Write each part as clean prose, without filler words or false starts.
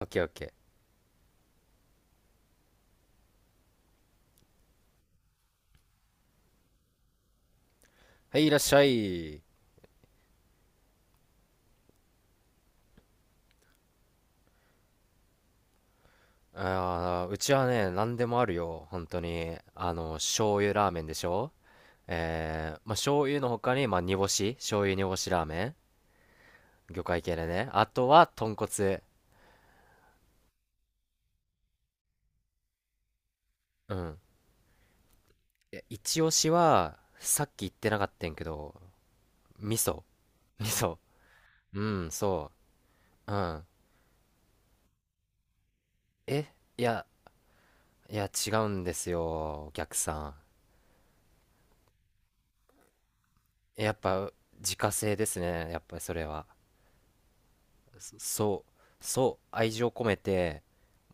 オッケーオッケー。はい、いらっしゃい。うちはね、何でもあるよ。本当に。醤油ラーメンでしょ？まあ、醤油の他に、まあ、煮干し、醤油煮干しラーメン。魚介系でね。あとは、豚骨。うん。いや、一押しは、さっき言ってなかったんやけど、味噌。味噌。うん、そう。うん。え、いや、いや、違うんですよ、お客さん。やっぱ、自家製ですね。やっぱりそれは。そうそう、愛情込めて、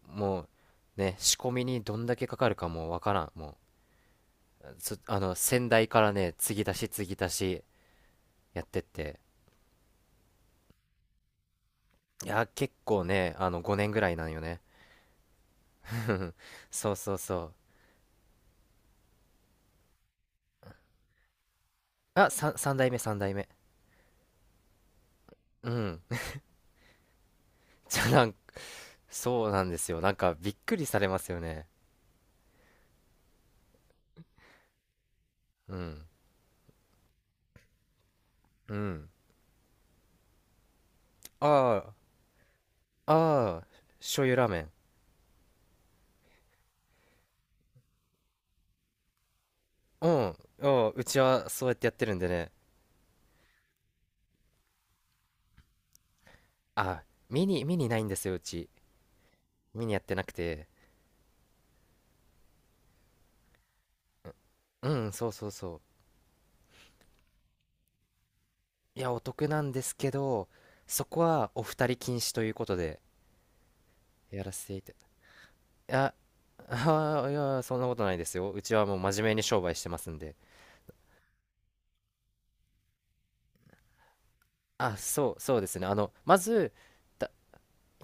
もうね、仕込みにどんだけかかるかもうわからん。もうそあの先代からね、継ぎ足し継ぎ足しやってって、いや、結構ね、5年ぐらいなんよね。 そうそうそう。あさん三3代目、3代目。うん。 じゃあなんそうなんですよ、なんかびっくりされますよね。うん、うん。ああああ醤油ラーメン。うん。ああ、うちはそうやってやってるんでね。あ、ミニないんですよ、うち。ミニやってなくて。うん、そうそうそう。いや、お得なんですけど、そこはお二人禁止ということで、やらせていた。いや、ああ、いや、そんなことないですよ。うちはもう真面目に商売してますんで。そう、そうですね。まず、た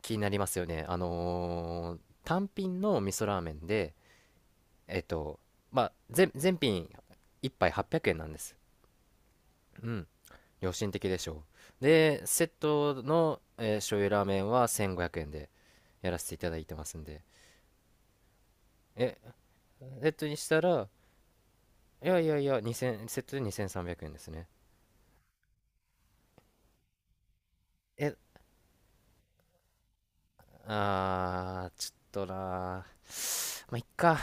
気になりますよね。単品の味噌ラーメンで、えっと、まあ、全品一杯800円なんです。うん。良心的でしょう。で、セットの、醤油ラーメンは1500円でやらせていただいてますんで。え、セットにしたら、いやいやいや、2000、セットで2300円ですね。え、あー、ちょっとなー。まあ、いっか。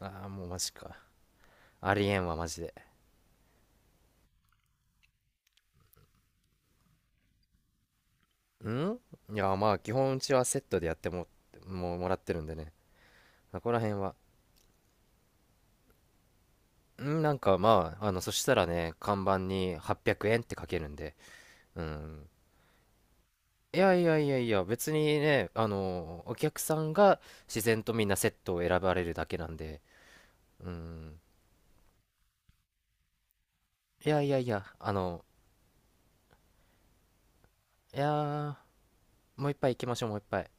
もうマジか。ありえんわ、マジで。んいや、まあ、基本うちはセットでやっても、もうもらってるんでね。ここら辺は。なんかまあ、そしたらね、看板に800円って書けるんで、うん、いやいやいやいや、別にね、お客さんが自然とみんなセットを選ばれるだけなんで、うん。いやいやいや、いやー、もう一杯行きましょう、もう一杯。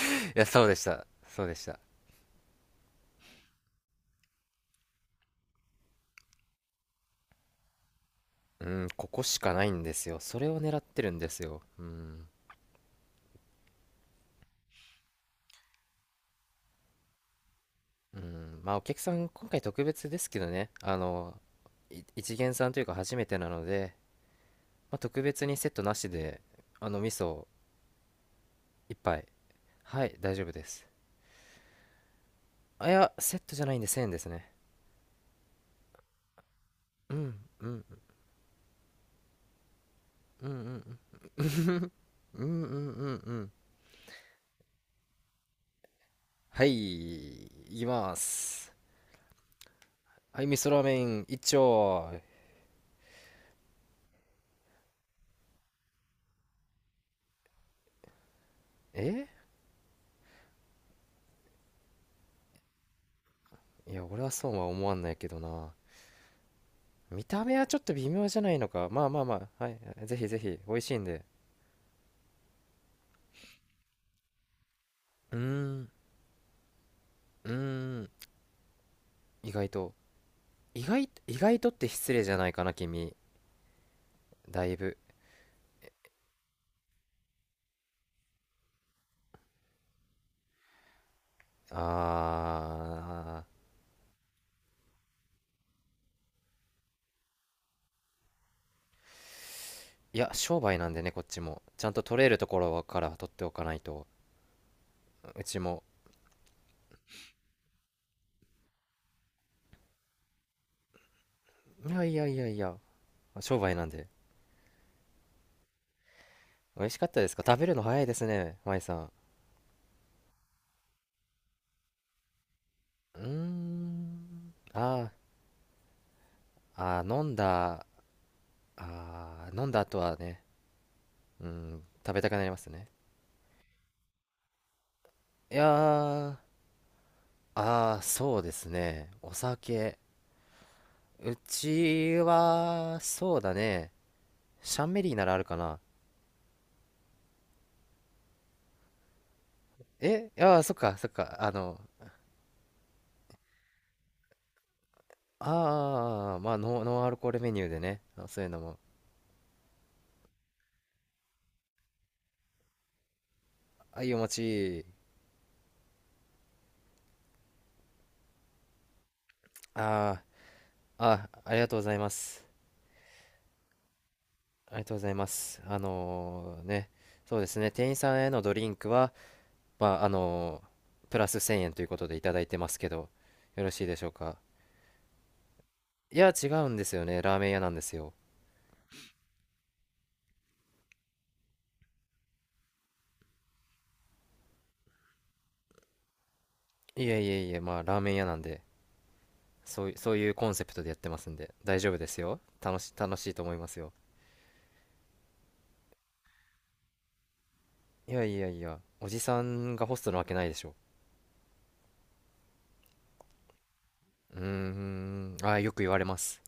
いや、そうでした。そうでした。うん、ここしかないんですよ。それを狙ってるんですよ。うん。うん、まあ、お客さん、今回特別ですけどね、一元さんというか初めてなので、まあ、特別にセットなしで、味噌一杯。はい、大丈夫です。いや、セットじゃないんで1000円ですね。うん、うん、うん、うん、うん、うん、うん、うん、うん。はい、いきます。はい、味噌ラーメン一丁。えいや、俺はそうは思わんないけどな。見た目はちょっと微妙じゃないのか。まあまあまあ、はい。ぜひぜひ、美味しいんで。うーんうーん意外と。意外とって失礼じゃないかな、君。だいぶ。あいや、商売なんでね、こっちもちゃんと取れるところから取っておかないと。うちも。いやいやいやいや、商売なんで。美味しかったですか？食べるの早いですね、舞さん。うーん。ーあー、飲んだ、飲んだ後はね、うん、食べたくなりますね。いやー、そうですね。お酒。うちは、そうだね。シャンメリーならあるかな。いやー、そっか、そっか。まあ、ノンアルコールメニューでね。そういうのも。いいお持ち。あー、ありがとうございます。ありがとうございます。そうですね、店員さんへのドリンクは、まあ、プラス1000円ということでいただいてますけど、よろしいでしょうか。いや、違うんですよね、ラーメン屋なんですよ。いえいえいえ、まあ、ラーメン屋なんで、そういうコンセプトでやってますんで、大丈夫ですよ。楽しいと思いますよ。いやいやいや、おじさんがホストなわけないでしょ。うーん、よく言われます。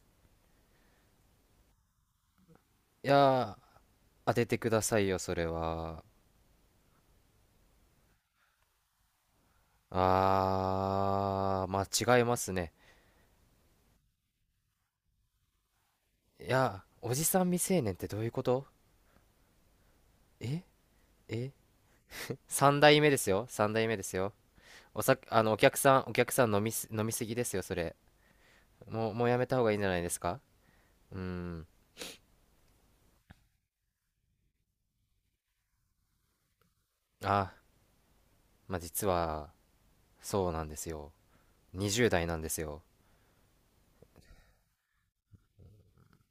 いやー、当ててくださいよ、それは。まあ、違いますね。いや、おじさん未成年ってどういうこと？ええ？ 3 代目ですよ。3代目ですよ。お客さん、お客さん、飲みすぎですよ、それ。もうやめた方がいいんじゃないですか？うーん。あ、まあ、実は、そうなんですよ。20代なんですよ。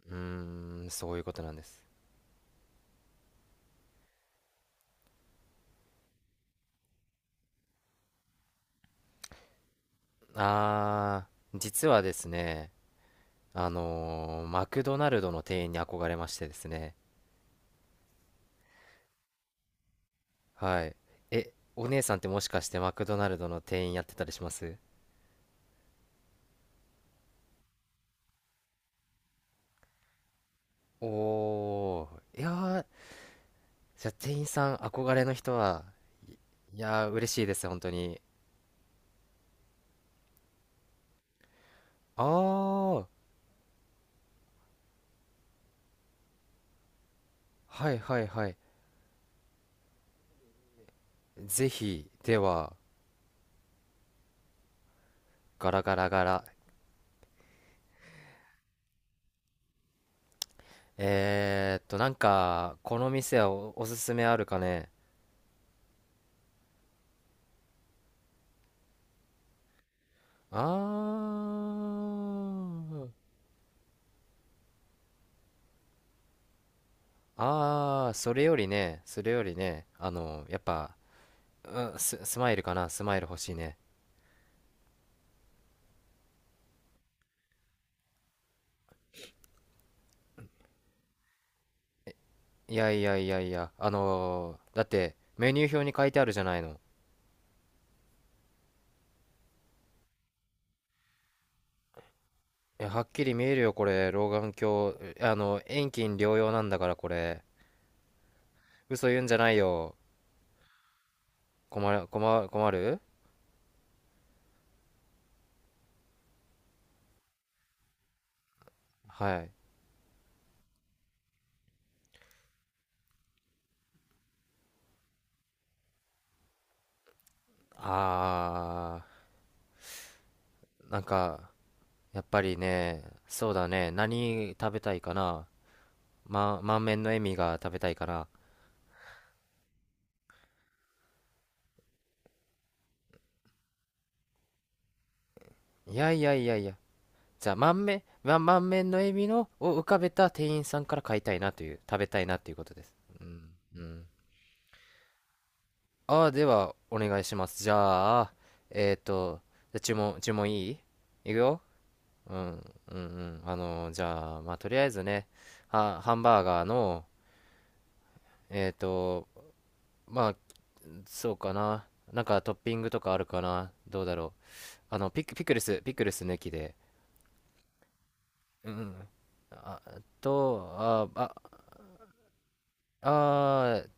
うーん、そういうことなんです。あ実はですね、マクドナルドの店員に憧れましてですね。はい。お姉さんってもしかしてマクドナルドの店員やってたりします？おいやー、じゃあ店員さん憧れの人は。いやー、嬉しいです、本当に。あー、はいはいはい。ぜひ、では、ガラガラガラ。なんか、この店はおすすめあるかね？あー、それよりね、やっぱ、うん、スマイルかな、スマイル欲しいね。いやいやいやいや、だって、メニュー表に書いてあるじゃないの。いや、はっきり見えるよ、これ。老眼鏡。遠近両用なんだから、これ。嘘言うんじゃないよ。困る、困る、困る。はい。あなんか、やっぱりね、そうだね。何食べたいかな。満面の笑みが食べたいかな。いやいやいやいや。じゃあ、満面の笑みの、を浮かべた店員さんから買いたいなという、食べたいなということです。うん、うん。ああ、では、お願いします。じゃあ、えっと、じゃあ注文いい？いくよ。うん、うん、うん。じゃあ、まあ、とりあえずね、ハンバーガーの、えっと、まあ、そうかな。なんかトッピングとかあるかな？どうだろう。ピクルス抜きで。うん、うん。あと、あー、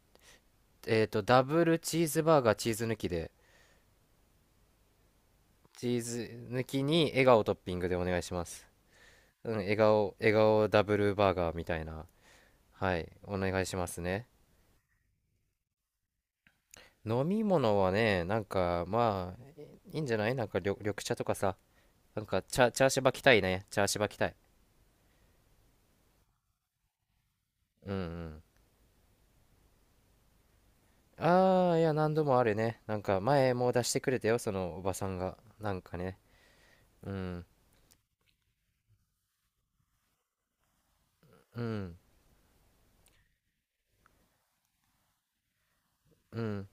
ダブルチーズバーガー、チーズ抜きで。チーズ抜きに笑顔トッピングでお願いします。うん、笑顔、笑顔ダブルバーガーみたいな。はい、お願いしますね。飲み物はね、なんか、まあ、いいんじゃない？なんか緑茶とかさ、なんか、チャーシューバ来たいね。チャーシューバ来たい。うん、うん。ああ、いや、何度もあるね。なんか、前も出してくれたよ、そのおばさんが。なんかね。うん、うん、うん。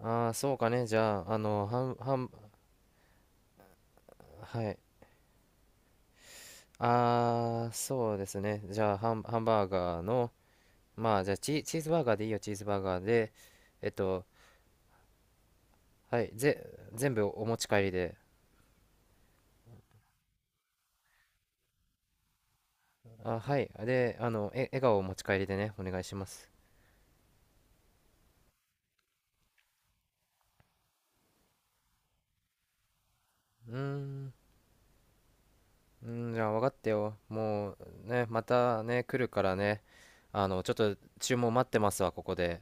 ああ、そうかね。じゃあ、ハン、ハン、はい。ああ、そうですね。じゃあ、ハンバーガーの、まあじゃあチーズバーガーでいいよ、チーズバーガーで。えっと、はい、全部お持ち帰りで。はい。で、笑顔をお持ち帰りでね、お願いします。うーん、じゃあ分かったよ。もうね、またね、来るからね、ちょっと注文待ってますわ、ここで。